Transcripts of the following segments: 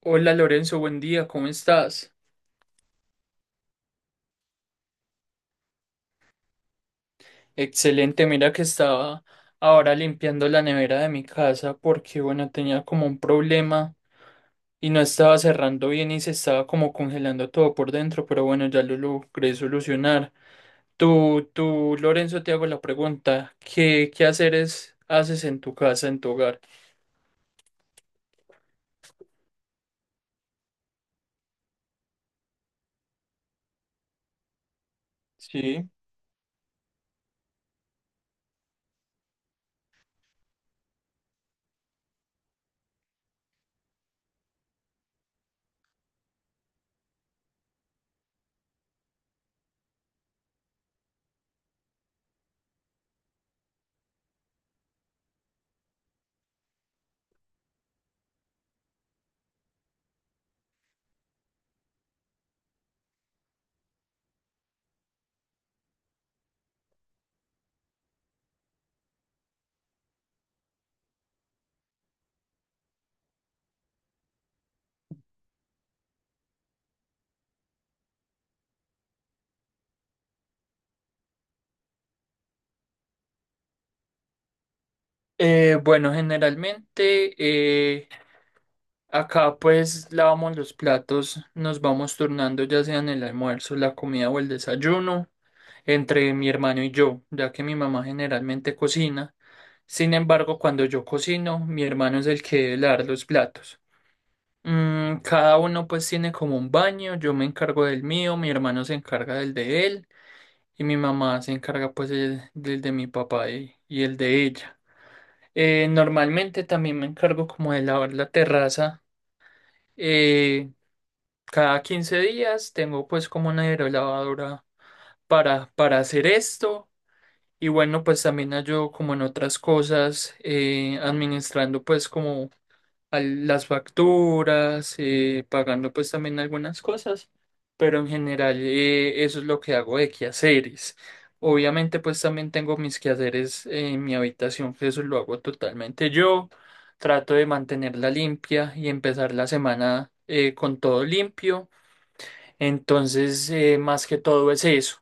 Hola Lorenzo, buen día, ¿cómo estás? Excelente, mira que estaba ahora limpiando la nevera de mi casa porque, bueno, tenía como un problema y no estaba cerrando bien y se estaba como congelando todo por dentro, pero bueno, ya lo logré solucionar. Tú, Lorenzo, te hago la pregunta, ¿qué haceres haces en tu casa, en tu hogar? Sí. Bueno, generalmente acá pues lavamos los platos, nos vamos turnando ya sea en el almuerzo, la comida o el desayuno, entre mi hermano y yo, ya que mi mamá generalmente cocina. Sin embargo, cuando yo cocino, mi hermano es el que debe lavar los platos. Mm, cada uno pues tiene como un baño, yo me encargo del mío, mi hermano se encarga del de él y mi mamá se encarga pues del de mi papá y el de ella. Normalmente también me encargo como de lavar la terraza. Eh, Cada 15 días tengo pues como una aerolavadora para hacer esto, y bueno, pues también ayudo como en otras cosas, administrando pues como las facturas, pagando pues también algunas cosas, pero en general, eso es lo que hago de quehaceres. Obviamente pues también tengo mis quehaceres en mi habitación, que eso lo hago totalmente yo. Trato de mantenerla limpia y empezar la semana con todo limpio. Entonces, más que todo es eso.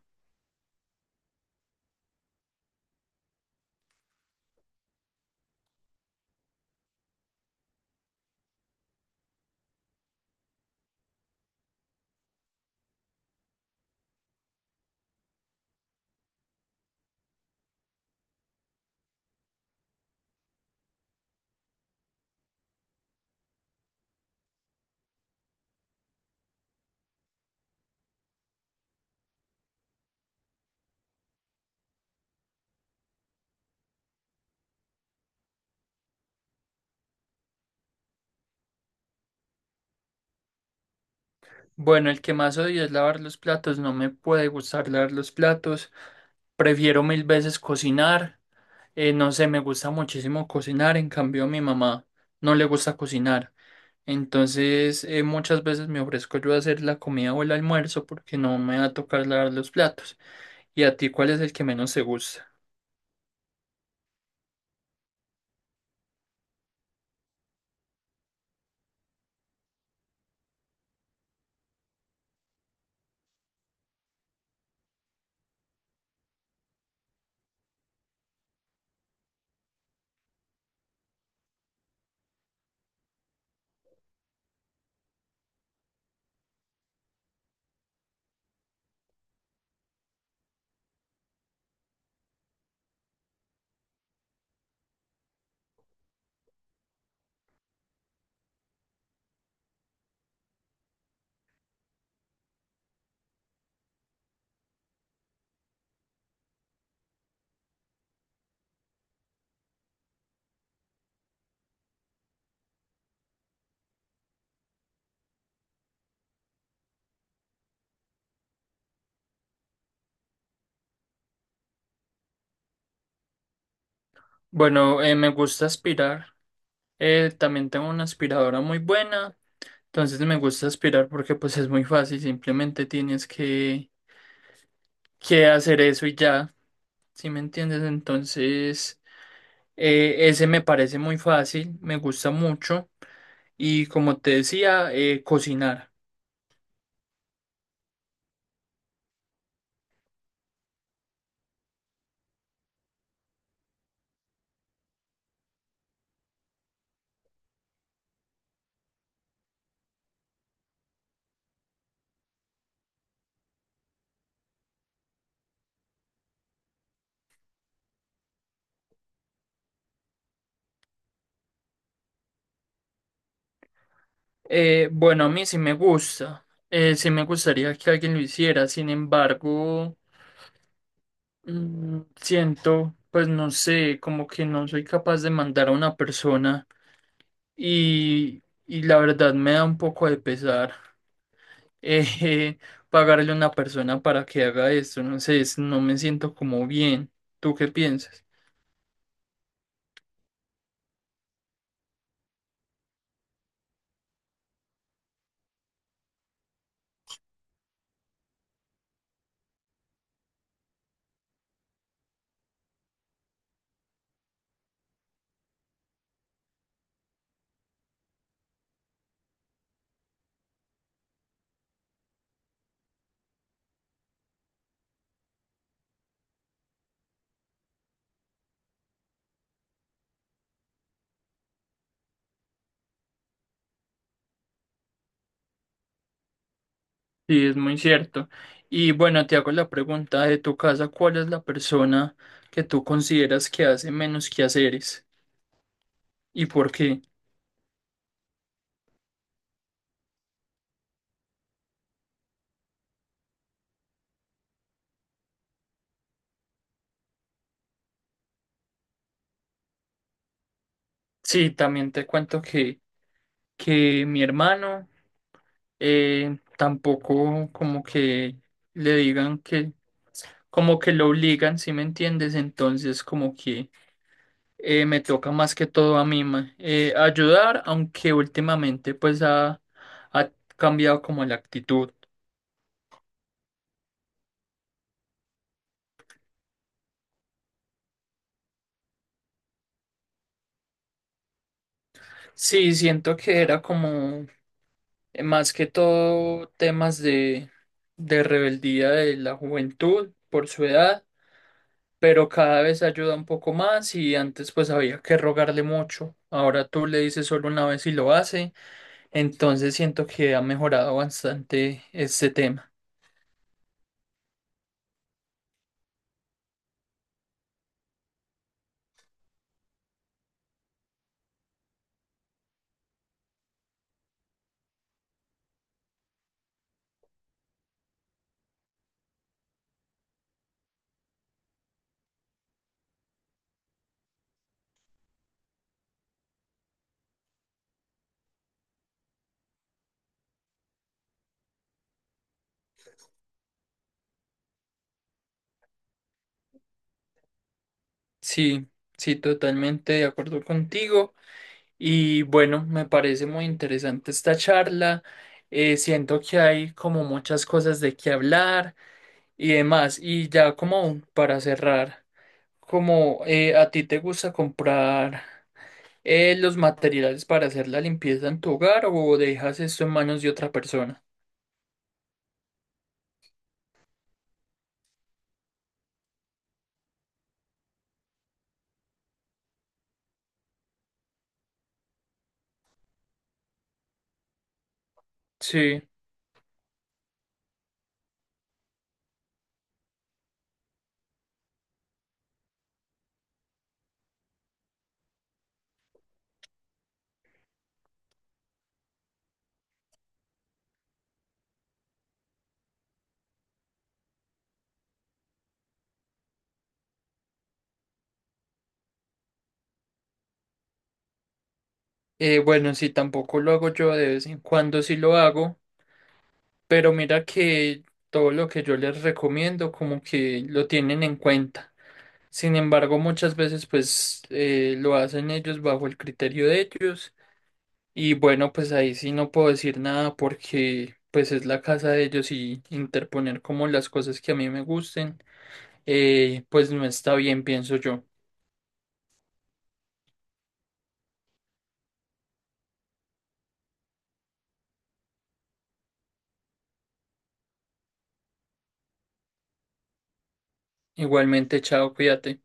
Bueno, el que más odio es lavar los platos. No me puede gustar lavar los platos. Prefiero mil veces cocinar. No sé, me gusta muchísimo cocinar. En cambio, a mi mamá no le gusta cocinar. Entonces, muchas veces me ofrezco yo a hacer la comida o el almuerzo porque no me va a tocar lavar los platos. ¿Y a ti cuál es el que menos te gusta? Bueno, me gusta aspirar. También tengo una aspiradora muy buena. Entonces me gusta aspirar porque pues es muy fácil, simplemente tienes que hacer eso y ya, ¿sí me entiendes? Entonces ese me parece muy fácil, me gusta mucho, y como te decía, cocinar. Bueno, a mí sí me gusta, sí me gustaría que alguien lo hiciera. Sin embargo, mm, siento, pues no sé, como que no soy capaz de mandar a una persona, y la verdad me da un poco de pesar. eh, pagarle a una persona para que haga esto, no sé, no me siento como bien. ¿Tú qué piensas? Sí, es muy cierto. Y bueno, te hago la pregunta de tu casa, ¿cuál es la persona que tú consideras que hace menos quehaceres y por qué? Sí, también te cuento que mi hermano tampoco como que le digan que, como que lo obligan, ¿si me entiendes? Entonces, como que me toca más que todo a mí ayudar, aunque últimamente pues ha, ha cambiado como la actitud. Sí, siento que era como más que todo temas de rebeldía de la juventud por su edad, pero cada vez ayuda un poco más y antes pues había que rogarle mucho. Ahora tú le dices solo una vez y lo hace, entonces siento que ha mejorado bastante este tema. Sí, sí, totalmente de acuerdo contigo. Y bueno, me parece muy interesante esta charla. Siento que hay como muchas cosas de qué hablar y demás. Y ya como para cerrar, como ¿a ti te gusta comprar los materiales para hacer la limpieza en tu hogar o dejas esto en manos de otra persona? Sí, bueno, sí, tampoco lo hago yo. De vez en cuando, sí lo hago, pero mira que todo lo que yo les recomiendo como que lo tienen en cuenta. Sin embargo, muchas veces pues lo hacen ellos bajo el criterio de ellos, y bueno, pues ahí sí no puedo decir nada porque pues es la casa de ellos, y interponer como las cosas que a mí me gusten, pues no está bien, pienso yo. Igualmente, chao, cuídate.